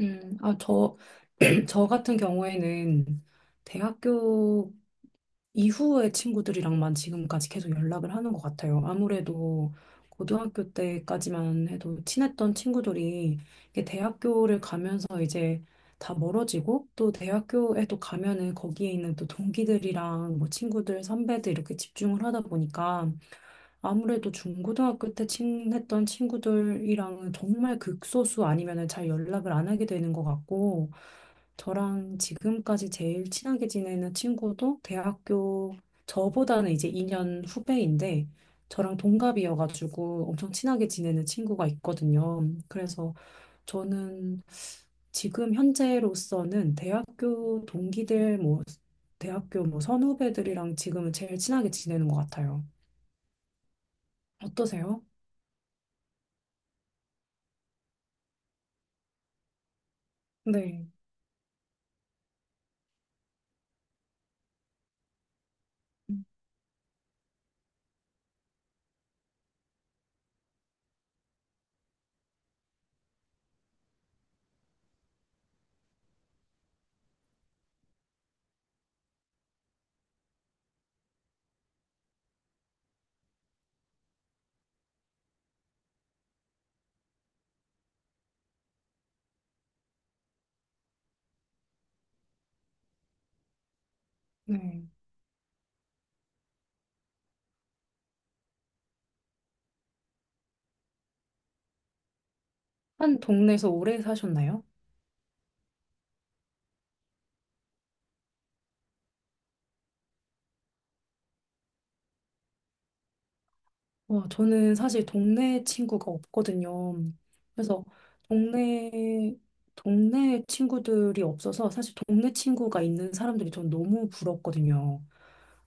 음, 아, 저, 저 같은 경우에는 대학교 이후의 친구들이랑만 지금까지 계속 연락을 하는 것 같아요. 아무래도 고등학교 때까지만 해도 친했던 친구들이 이게 대학교를 가면서 이제 다 멀어지고 또 대학교에 또 가면은 거기에 있는 또 동기들이랑 뭐 친구들, 선배들 이렇게 집중을 하다 보니까 아무래도 중고등학교 때 친했던 친구들이랑은 정말 극소수 아니면은 잘 연락을 안 하게 되는 것 같고, 저랑 지금까지 제일 친하게 지내는 친구도 대학교 저보다는 이제 2년 후배인데 저랑 동갑이어가지고 엄청 친하게 지내는 친구가 있거든요. 그래서 저는 지금 현재로서는 대학교 동기들 뭐 대학교 뭐 선후배들이랑 지금은 제일 친하게 지내는 것 같아요. 어떠세요? 네. 네. 한 동네에서 오래 사셨나요? 어, 저는 사실 동네 친구가 없거든요. 그래서 동네, 동네 친구들이 없어서 사실 동네 친구가 있는 사람들이 전 너무 부럽거든요.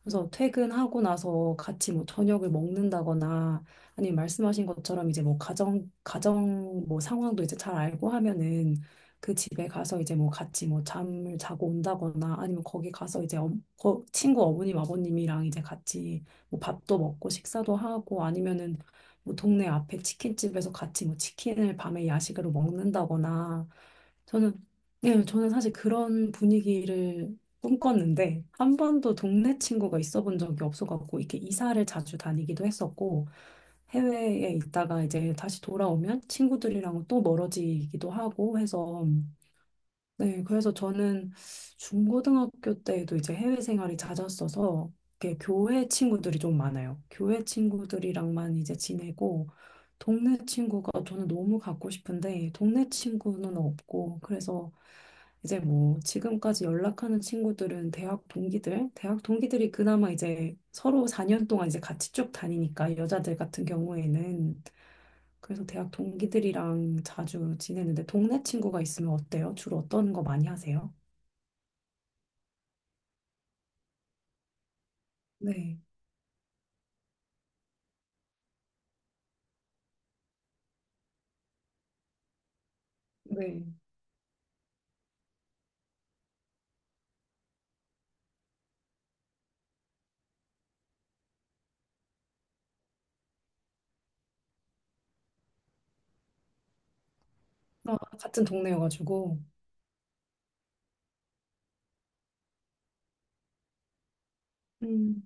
그래서 퇴근하고 나서 같이 뭐 저녁을 먹는다거나 아니면 말씀하신 것처럼 이제 뭐 가정 뭐 상황도 이제 잘 알고 하면은 그 집에 가서 이제 뭐 같이 뭐 잠을 자고 온다거나 아니면 거기 가서 이제 친구 어머님 아버님이랑 이제 같이 뭐 밥도 먹고 식사도 하고 아니면은 뭐 동네 앞에 치킨집에서 같이 뭐 치킨을 밤에 야식으로 먹는다거나, 저는 예, 저는 사실 그런 분위기를 꿈꿨는데 한 번도 동네 친구가 있어 본 적이 없어갖고 이렇게 이사를 자주 다니기도 했었고 해외에 있다가 이제 다시 돌아오면 친구들이랑 또 멀어지기도 하고 해서. 네, 그래서 저는 중고등학교 때에도 이제 해외 생활이 잦았어서 이렇게 교회 친구들이 좀 많아요. 교회 친구들이랑만 이제 지내고, 동네 친구가 저는 너무 갖고 싶은데 동네 친구는 없고, 그래서 이제 뭐 지금까지 연락하는 친구들은 대학 동기들, 대학 동기들이 그나마 이제 서로 4년 동안 이제 같이 쭉 다니니까 여자들 같은 경우에는. 그래서 대학 동기들이랑 자주 지내는데 동네 친구가 있으면 어때요? 주로 어떤 거 많이 하세요? 네, 네. 아, 같은 동네여가지고. 음,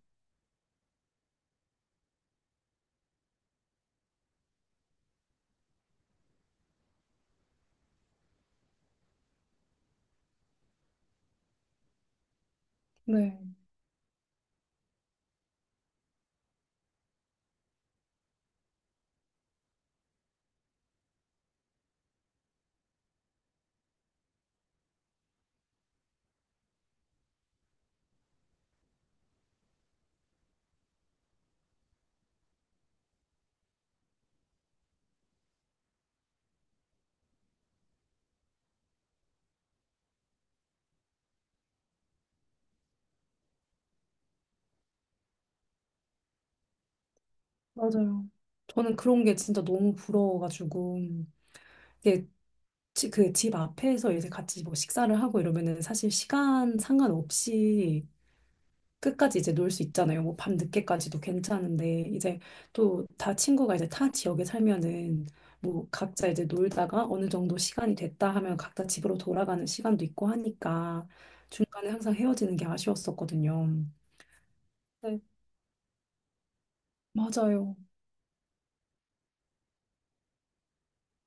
네, 맞아요. 저는 그런 게 진짜 너무 부러워가지고 이게 그 집 앞에서 이제 같이 뭐 식사를 하고 이러면은 사실 시간 상관없이 끝까지 이제 놀 수 있잖아요. 뭐 밤 늦게까지도 괜찮은데 이제 또 다 친구가 이제 타 지역에 살면은 뭐 각자 이제 놀다가 어느 정도 시간이 됐다 하면 각자 집으로 돌아가는 시간도 있고 하니까 중간에 항상 헤어지는 게 아쉬웠었거든요. 네, 맞아요.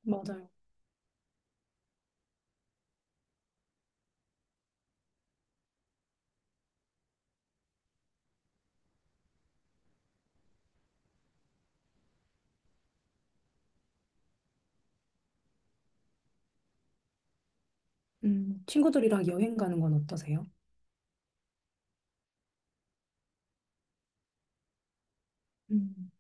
맞아요. 친구들이랑 여행 가는 건 어떠세요? 음,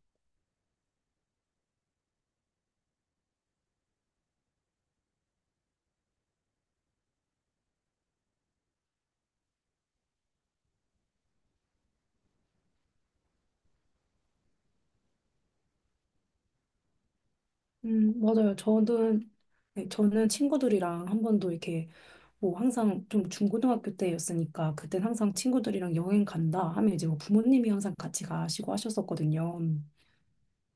맞아요. 저는, 네, 저는 친구들이랑 한 번도 이렇게 뭐 항상 좀 중고등학교 때였으니까 그땐 항상 친구들이랑 여행 간다 하면 이제 뭐 부모님이 항상 같이 가시고 하셨었거든요.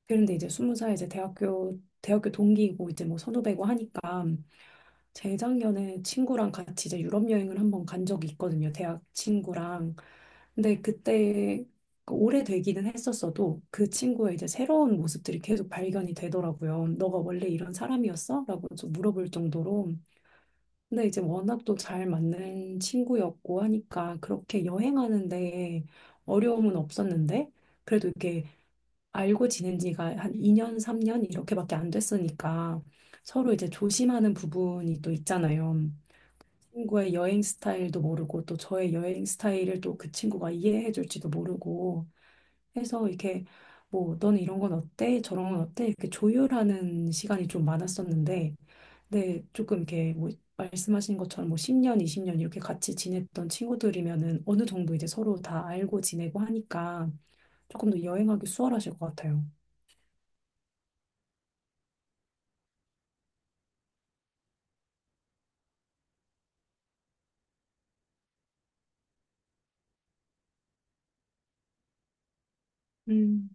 그런데 이제 스무 살, 이제 대학교 동기이고 이제 뭐 선후배고 하니까 재작년에 친구랑 같이 이제 유럽 여행을 한번 간 적이 있거든요. 대학 친구랑. 근데 그때 그 오래되기는 했었어도 그 친구의 이제 새로운 모습들이 계속 발견이 되더라고요. 너가 원래 이런 사람이었어? 라고 좀 물어볼 정도로. 근데 이제 워낙 또 잘 맞는 친구였고 하니까 그렇게 여행하는데 어려움은 없었는데, 그래도 이게 알고 지낸 지가 한 2년, 3년 이렇게밖에 안 됐으니까 서로 이제 조심하는 부분이 또 있잖아요. 친구의 여행 스타일도 모르고 또 저의 여행 스타일을 또 그 친구가 이해해 줄지도 모르고 해서 이렇게 뭐 너는 이런 건 어때? 저런 건 어때? 이렇게 조율하는 시간이 좀 많았었는데, 네, 조금 이렇게 뭐 말씀하신 것처럼 뭐 10년, 20년 이렇게 같이 지냈던 친구들이면은 어느 정도 이제 서로 다 알고 지내고 하니까 조금 더 여행하기 수월하실 것 같아요. 음.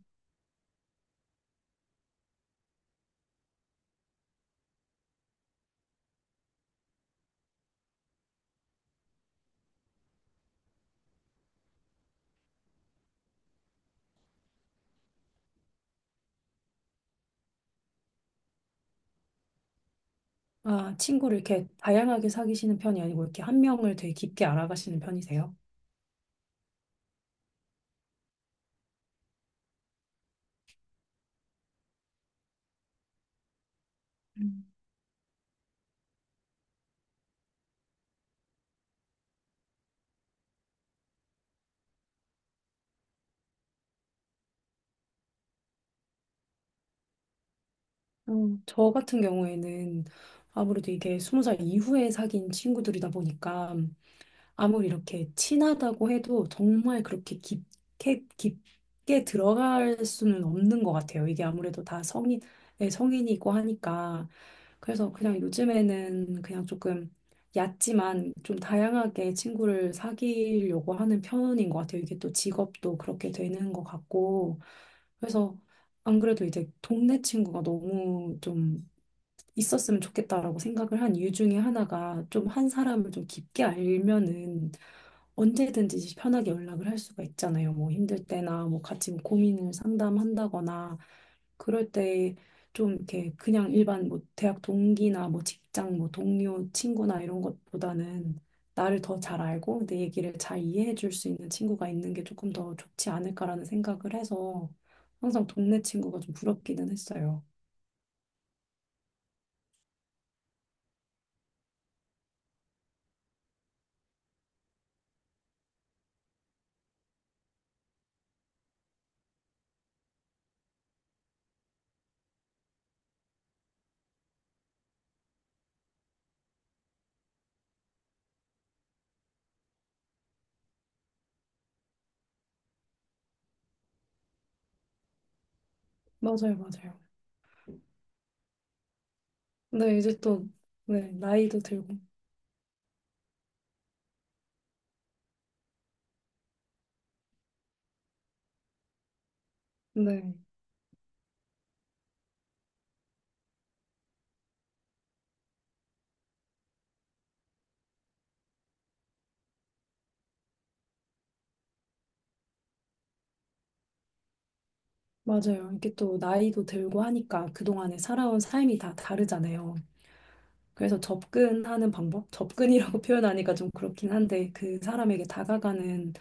아, 친구를 이렇게 다양하게 사귀시는 편이 아니고 이렇게 한 명을 되게 깊게 알아가시는 편이세요? 음. 어, 저 같은 경우에는 아무래도 이게 스무 살 이후에 사귄 친구들이다 보니까 아무리 이렇게 친하다고 해도 정말 그렇게 깊게, 깊게 들어갈 수는 없는 것 같아요. 이게 아무래도 다 성인, 네, 성인이고 하니까. 그래서 그냥 요즘에는 그냥 조금 얕지만 좀 다양하게 친구를 사귀려고 하는 편인 것 같아요. 이게 또 직업도 그렇게 되는 것 같고. 그래서 안 그래도 이제 동네 친구가 너무 좀 있었으면 좋겠다라고 생각을 한 이유 중에 하나가, 좀 한 사람을 좀 깊게 알면은 언제든지 편하게 연락을 할 수가 있잖아요. 뭐 힘들 때나 뭐 같이 뭐 고민을 상담한다거나, 그럴 때 좀 이렇게 그냥 일반 뭐 대학 동기나 뭐 직장 뭐 동료 친구나 이런 것보다는 나를 더 잘 알고 내 얘기를 잘 이해해 줄 수 있는 친구가 있는 게 조금 더 좋지 않을까라는 생각을 해서 항상 동네 친구가 좀 부럽기는 했어요. 맞아요, 맞아요. 네, 이제 또, 네, 나이도 들고. 네, 맞아요. 이게 또 나이도 들고 하니까 그동안에 살아온 삶이 다 다르잖아요. 그래서 접근하는 방법? 접근이라고 표현하니까 좀 그렇긴 한데, 그 사람에게 다가가는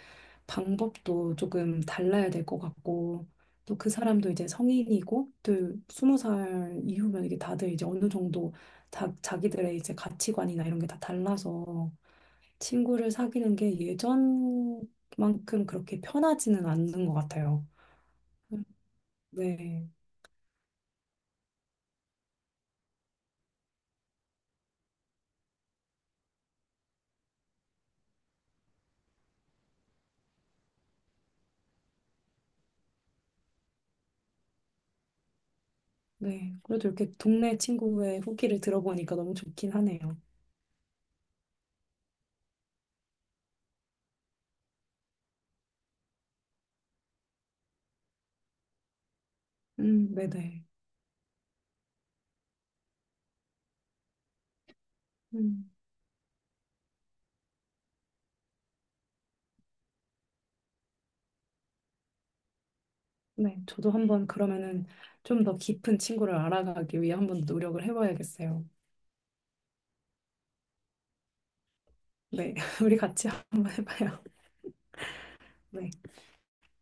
방법도 조금 달라야 될 것 같고, 또 그 사람도 이제 성인이고, 또 스무 살 이후면 이게 다들 이제 어느 정도 다, 자기들의 이제 가치관이나 이런 게 다 달라서, 친구를 사귀는 게 예전만큼 그렇게 편하지는 않는 것 같아요. 음, 네, 네. 그래도 이렇게 동네 친구의 후기를 들어보니까 너무 좋긴 하네요. 네네. 음, 네. 저도 한번 그러면은 좀 더 깊은 친구를 알아가기 위해 한번 노력을 해봐야겠어요. 네. 우리 같이 한번 해봐요. 네.